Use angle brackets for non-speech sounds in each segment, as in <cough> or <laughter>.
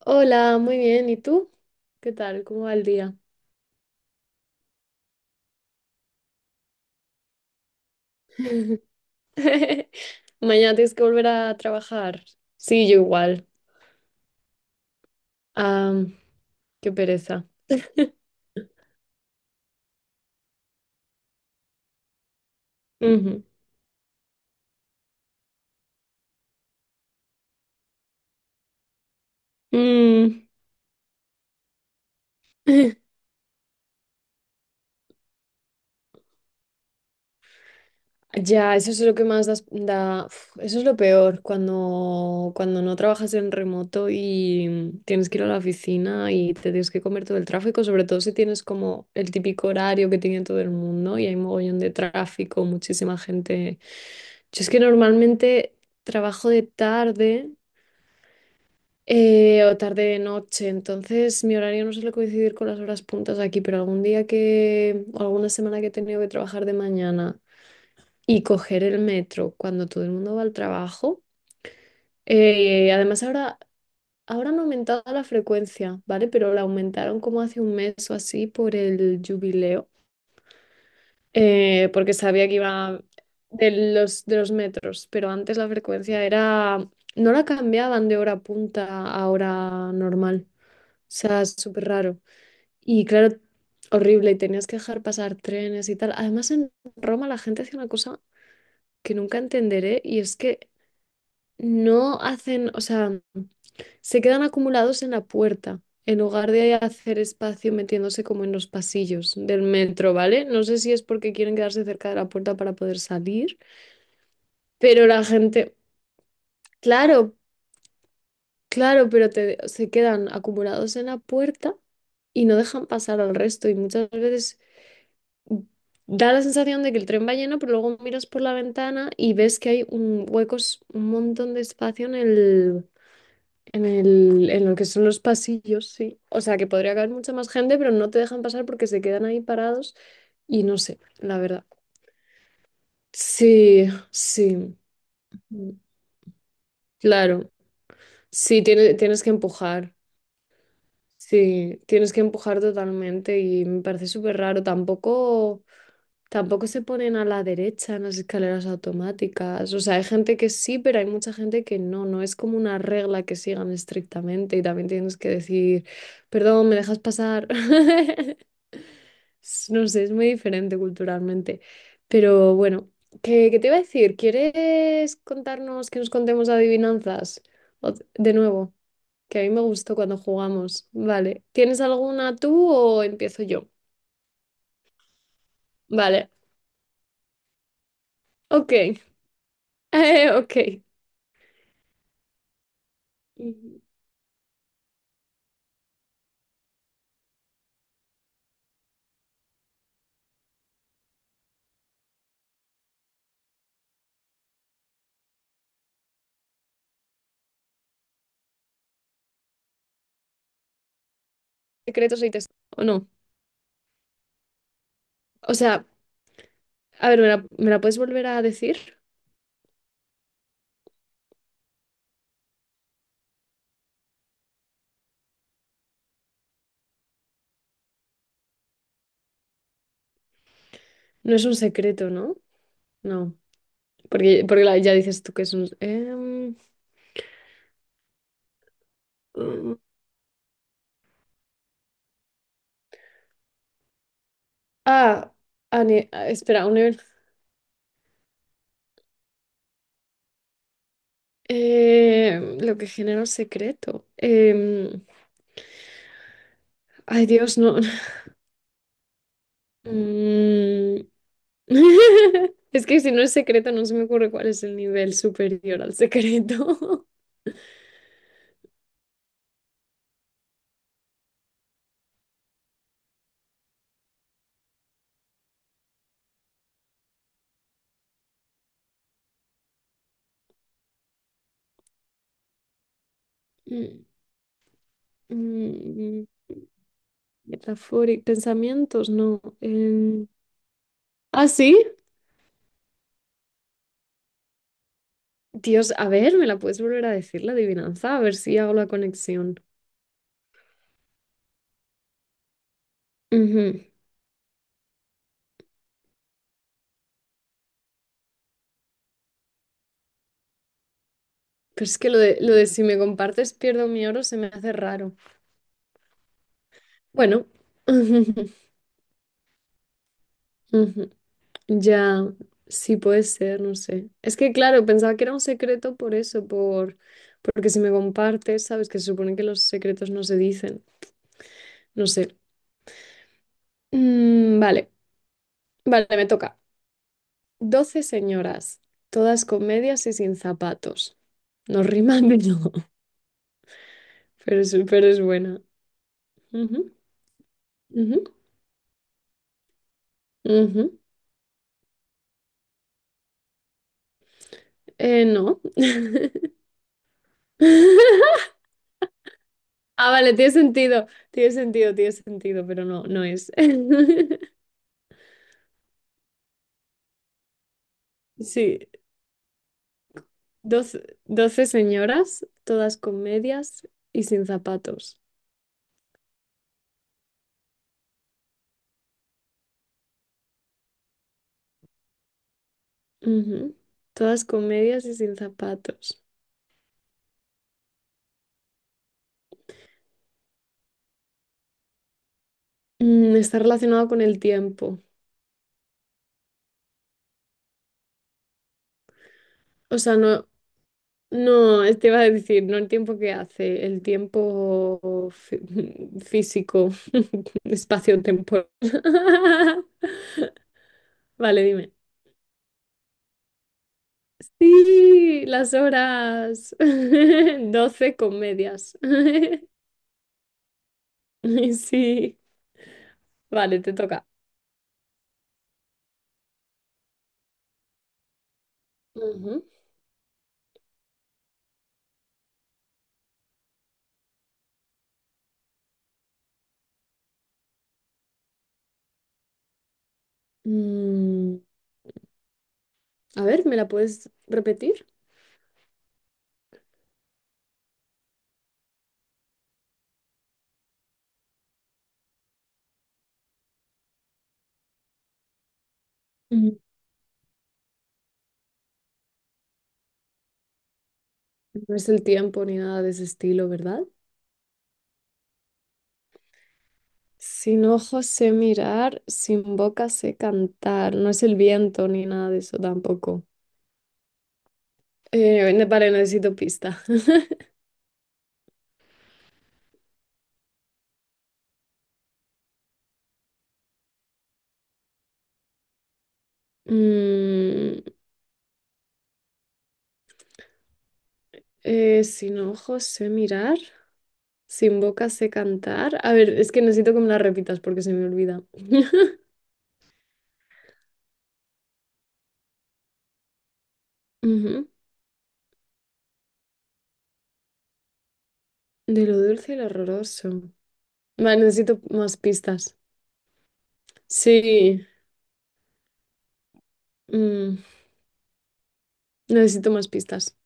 Hola, muy bien. ¿Y tú? ¿Qué tal? ¿Cómo va el día? <laughs> Mañana tienes que volver a trabajar. Sí, yo igual. Ah, qué pereza. <laughs> Ujú. Mm. <laughs> Ya, eso es lo que da, uf, eso es lo peor, cuando no trabajas en remoto y tienes que ir a la oficina y te tienes que comer todo el tráfico, sobre todo si tienes como el típico horario que tiene todo el mundo y hay mogollón de tráfico, muchísima gente. Yo es que normalmente trabajo de tarde, o tarde de noche, entonces mi horario no suele coincidir con las horas puntas aquí, pero algún día que, o alguna semana que he tenido que trabajar de mañana y coger el metro cuando todo el mundo va al trabajo, eh, además ahora, ahora han aumentado la frecuencia, ¿vale? Pero la aumentaron como hace un mes o así por el jubileo. Porque sabía que iba de los metros, pero antes la frecuencia era, no la cambiaban de hora punta a hora normal, o sea, es súper raro. Y claro, horrible, y tenías que dejar pasar trenes y tal. Además, en Roma la gente hacía una cosa que nunca entenderé, y es que no hacen, o sea, se quedan acumulados en la puerta, en lugar de hacer espacio metiéndose como en los pasillos del metro, ¿vale? No sé si es porque quieren quedarse cerca de la puerta para poder salir, pero la gente, claro, claro, pero se quedan acumulados en la puerta y no dejan pasar al resto, y muchas veces da la sensación de que el tren va lleno, pero luego miras por la ventana y ves que hay un huecos, un montón de espacio en el… En el, en lo que son los pasillos, sí. O sea, que podría caber mucha más gente, pero no te dejan pasar porque se quedan ahí parados y no sé, la verdad. Sí, sí. mm, Claro. Sí, tienes que empujar. Sí, tienes que empujar totalmente y me parece súper raro. Tampoco, tampoco se ponen a la derecha en las escaleras automáticas. O sea, hay gente que sí, pero hay mucha gente que no. No es como una regla que sigan estrictamente, y también tienes que decir, perdón, ¿me dejas pasar? <laughs> No sé, es muy diferente culturalmente. Pero bueno, ¿qué te iba a decir? ¿Quieres contarnos, que nos contemos adivinanzas? De nuevo, que a mí me gustó cuando jugamos. Vale. ¿Tienes alguna tú o empiezo yo? Vale. Ok. <laughs> Ok. Mm, Secretos y tesoros. ¿O no? O sea, a ver, ¿me la puedes volver a decir? No es un secreto, ¿no? No. Porque ya dices tú que es un… mm, Ah, ah, espera, un nivel. Lo que genera un secreto. Ay, Dios, no. <laughs> Mm. <laughs> Es que si no es secreto, no se me ocurre cuál es el nivel superior al secreto. <laughs> Mm, mm, Pensamientos, no. Ah, sí. Dios, a ver, ¿me la puedes volver a decir la adivinanza? A ver si hago la conexión. Ujú. Pero es que lo de si me compartes pierdo mi oro se me hace raro. Bueno. <laughs> Ujú. Ya, sí puede ser, no sé. Es que claro, pensaba que era un secreto por eso, por… porque si me compartes, sabes que se supone que los secretos no se dicen. No sé. Mm, vale, vale, me toca. Doce señoras, todas con medias y sin zapatos. No riman, <laughs> no, pero es buena. Ujú, ujú, ujú. No. <laughs> Ah, vale, tiene sentido, tiene sentido, tiene sentido, pero no, no es. <laughs> Sí. Doce señoras, todas con medias y sin zapatos. Ujú. Todas con medias y sin zapatos. Mm, está relacionado con el tiempo. O sea, no, no, te iba a decir, no el tiempo que hace, el tiempo <laughs> físico, <laughs> espacio-temporal. <laughs> Vale, dime. Sí, las horas. <laughs> Doce con medias. <laughs> Sí, vale, te toca. Ujú. Mm, a ver, ¿me la puedes repetir? Mm. No es el tiempo ni nada de ese estilo, ¿verdad? Sin ojos sé mirar, sin boca sé cantar. No es el viento ni nada de eso tampoco. Vale, necesito pista. <laughs> Mm, Sin ojos sé mirar, sin boca sé cantar. A ver, es que necesito que me la repitas porque se me olvida. <laughs> Ujú. De lo dulce y lo horroroso. Vale, necesito más pistas. Sí. Mm, Necesito más pistas.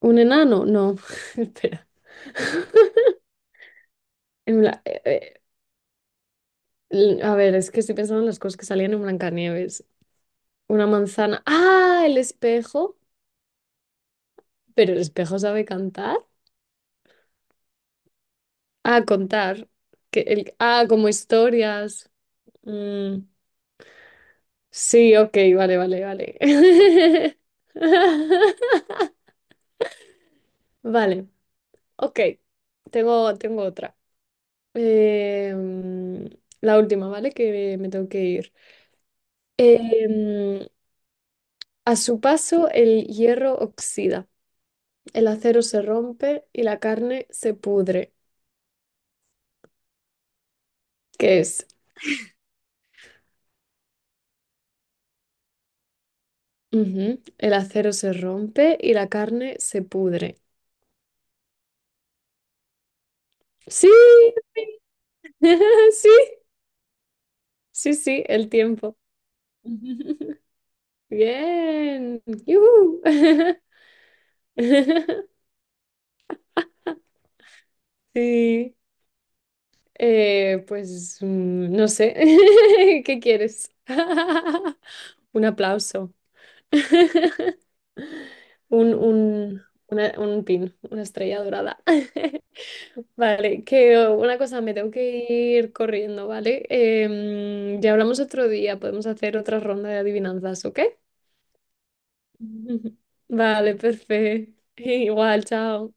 ¿Un enano? No. <laughs> Espera. En bla- eh, a ver, es que estoy pensando en las cosas que salían en Blancanieves. Una manzana. ¡Ah! El espejo. Pero el espejo sabe cantar. Ah, contar. Que el… Ah, como historias. Mm, Sí, ok, vale, vale, vale. <laughs> Vale, ok. Tengo otra. Em, la última, ¿vale? Que me tengo que ir. Em, A su paso el hierro oxida, el acero se rompe y la carne se pudre. ¿Qué es? Ujú. El acero se rompe y la carne se pudre. Sí, <laughs> sí, sí, sí, el tiempo. <laughs> Bien. Yujú. <laughs> Sí, no sé, <laughs> ¿qué quieres? <laughs> Un aplauso. <laughs> Un pin, una estrella dorada. <laughs> Vale, que oh, una cosa, me tengo que ir corriendo, ¿vale? Ya hablamos otro día, podemos hacer otra ronda de adivinanzas, ¿ok? <laughs> Vale, perfecto. <laughs> Igual, chao.